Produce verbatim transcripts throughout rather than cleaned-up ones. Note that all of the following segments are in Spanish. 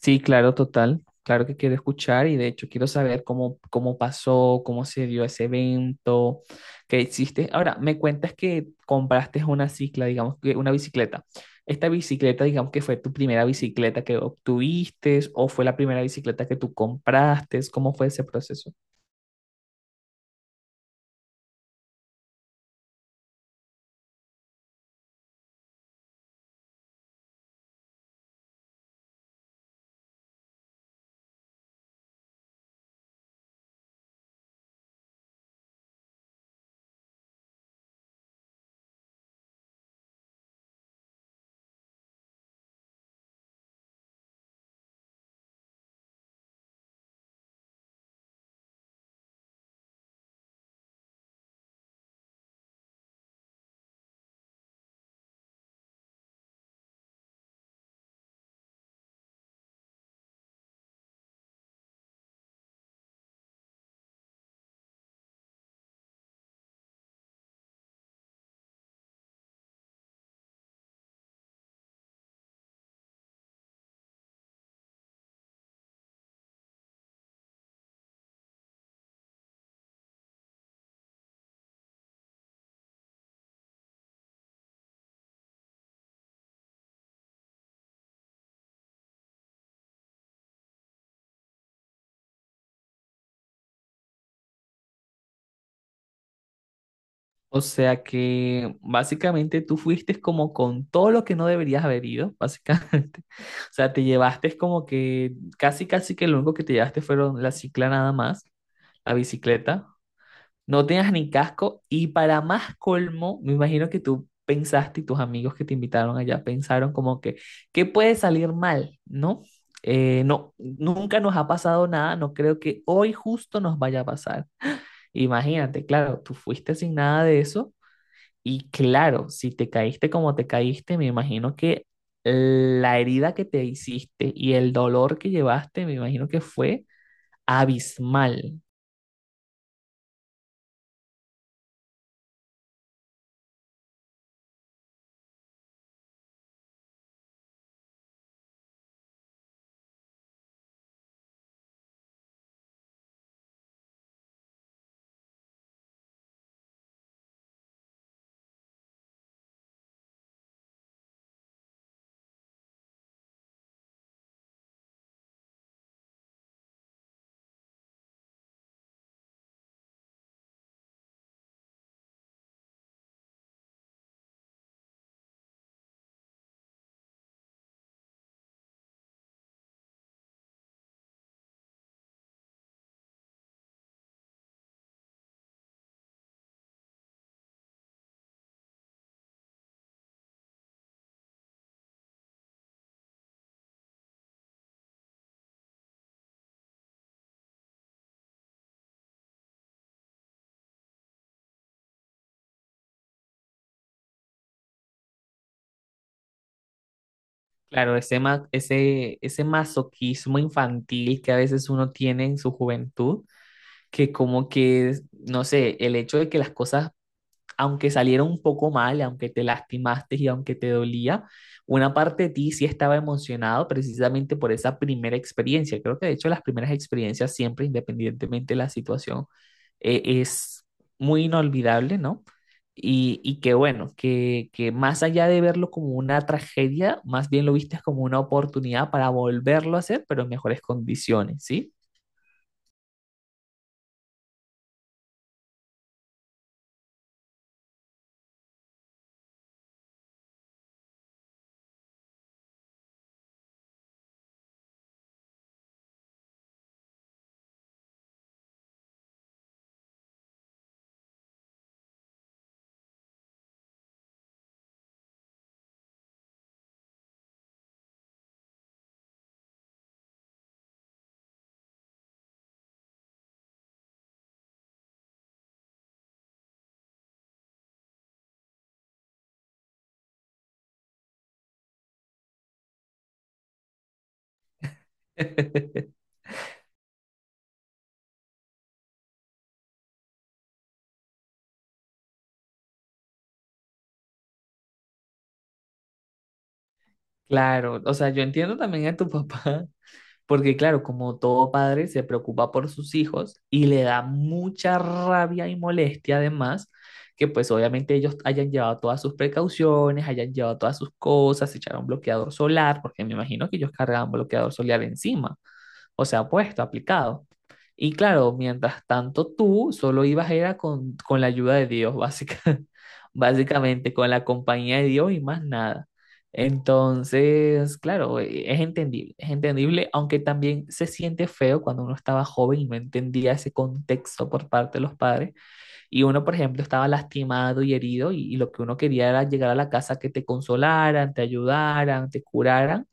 Sí, claro, total. Claro que quiero escuchar y de hecho quiero saber cómo, cómo pasó, cómo se dio ese evento, qué hiciste. Ahora, me cuentas que compraste una cicla, digamos que una bicicleta. ¿Esta bicicleta, digamos que fue tu primera bicicleta que obtuviste o fue la primera bicicleta que tú compraste? ¿Cómo fue ese proceso? O sea que básicamente tú fuiste como con todo lo que no deberías haber ido, básicamente. O sea, te llevaste como que casi, casi que lo único que te llevaste fueron la cicla nada más, la bicicleta. No tenías ni casco y para más colmo, me imagino que tú pensaste y tus amigos que te invitaron allá pensaron como que, ¿qué puede salir mal? ¿No? Eh, no, nunca nos ha pasado nada, no creo que hoy justo nos vaya a pasar. Imagínate, claro, tú fuiste sin nada de eso. Y claro, si te caíste como te caíste, me imagino que la herida que te hiciste y el dolor que llevaste, me imagino que fue abismal. Claro, ese, ma- ese, ese masoquismo infantil que a veces uno tiene en su juventud, que como que, no sé, el hecho de que las cosas aunque saliera un poco mal, aunque te lastimaste y aunque te dolía, una parte de ti sí estaba emocionado precisamente por esa primera experiencia. Creo que de hecho las primeras experiencias siempre, independientemente de la situación, eh, es muy inolvidable, ¿no? Y, y que bueno, que, que más allá de verlo como una tragedia, más bien lo viste como una oportunidad para volverlo a hacer, pero en mejores condiciones, ¿sí? Claro, o sea, yo entiendo también a tu papá, porque claro, como todo padre se preocupa por sus hijos y le da mucha rabia y molestia además, que pues obviamente ellos hayan llevado todas sus precauciones, hayan llevado todas sus cosas, se echaron bloqueador solar, porque me imagino que ellos cargaban bloqueador solar encima. O sea, puesto, aplicado. Y claro, mientras tanto tú solo ibas era con, con la ayuda de Dios, básica, básicamente, con la compañía de Dios y más nada. Entonces, claro, e- es entendible, es entendible, aunque también se siente feo cuando uno estaba joven y no entendía ese contexto por parte de los padres, y uno, por ejemplo, estaba lastimado y herido y, y lo que uno quería era llegar a la casa que te consolaran, te ayudaran, te curaran.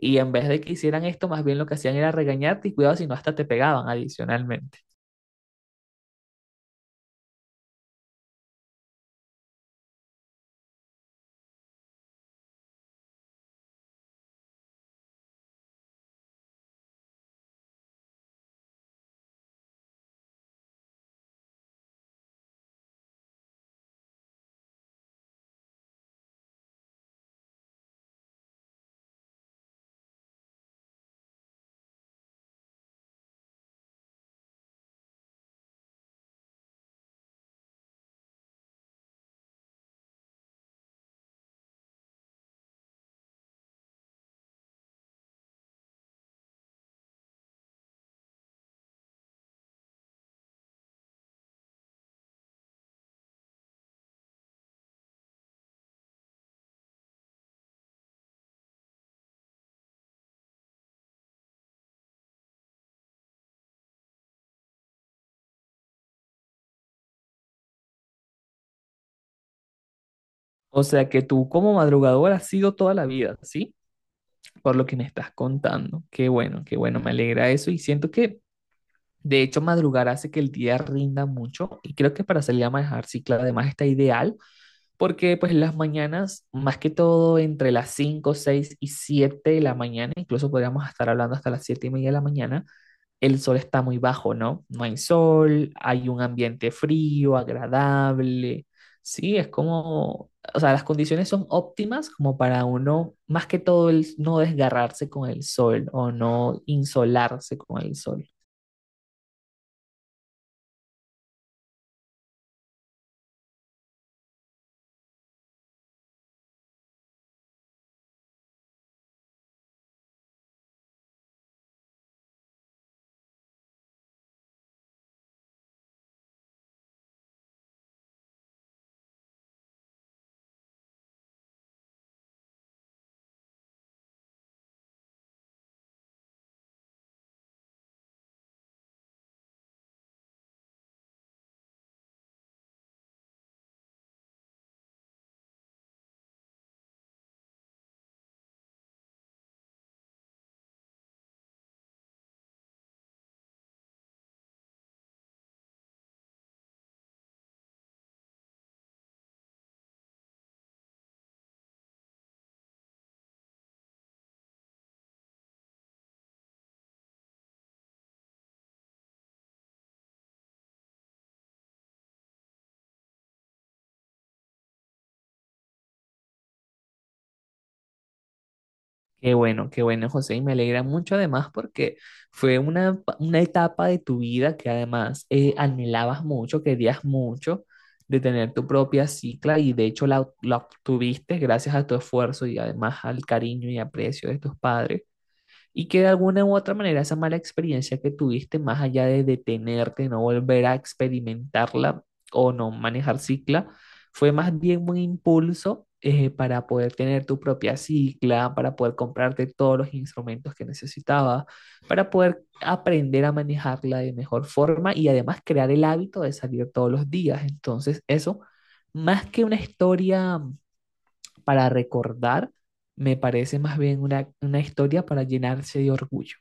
Y en vez de que hicieran esto, más bien lo que hacían era regañarte y cuidado si no hasta te pegaban adicionalmente. O sea que tú como madrugador has sido toda la vida, ¿sí? Por lo que me estás contando. Qué bueno, qué bueno, me alegra eso y siento que de hecho madrugar hace que el día rinda mucho y creo que para salir a manejar cicla además está ideal porque pues las mañanas, más que todo entre las cinco seis y siete de la mañana, incluso podríamos estar hablando hasta las siete y media de la mañana, el sol está muy bajo, ¿no? No hay sol, hay un ambiente frío, agradable, sí, es como, o sea, las condiciones son óptimas como para uno, más que todo el no desgarrarse con el sol o no insolarse con el sol. Qué bueno, qué bueno, José, y me alegra mucho además porque fue una, pa- una etapa de tu vida que además eh, anhelabas mucho, querías mucho de tener tu propia cicla y de hecho la, la obtuviste gracias a tu esfuerzo y además al cariño y aprecio de tus padres y que de alguna u otra manera esa mala experiencia que tuviste, más allá de detenerte, no volver a experimentarla o no manejar cicla, fue más bien un impulso eh, para poder tener tu propia cicla, para poder comprarte todos los instrumentos que necesitabas, para poder aprender a manejarla de mejor forma y además crear el hábito de salir todos los días. Entonces, eso, más que una historia para recordar, me parece más bien una, una historia para llenarse de orgullo.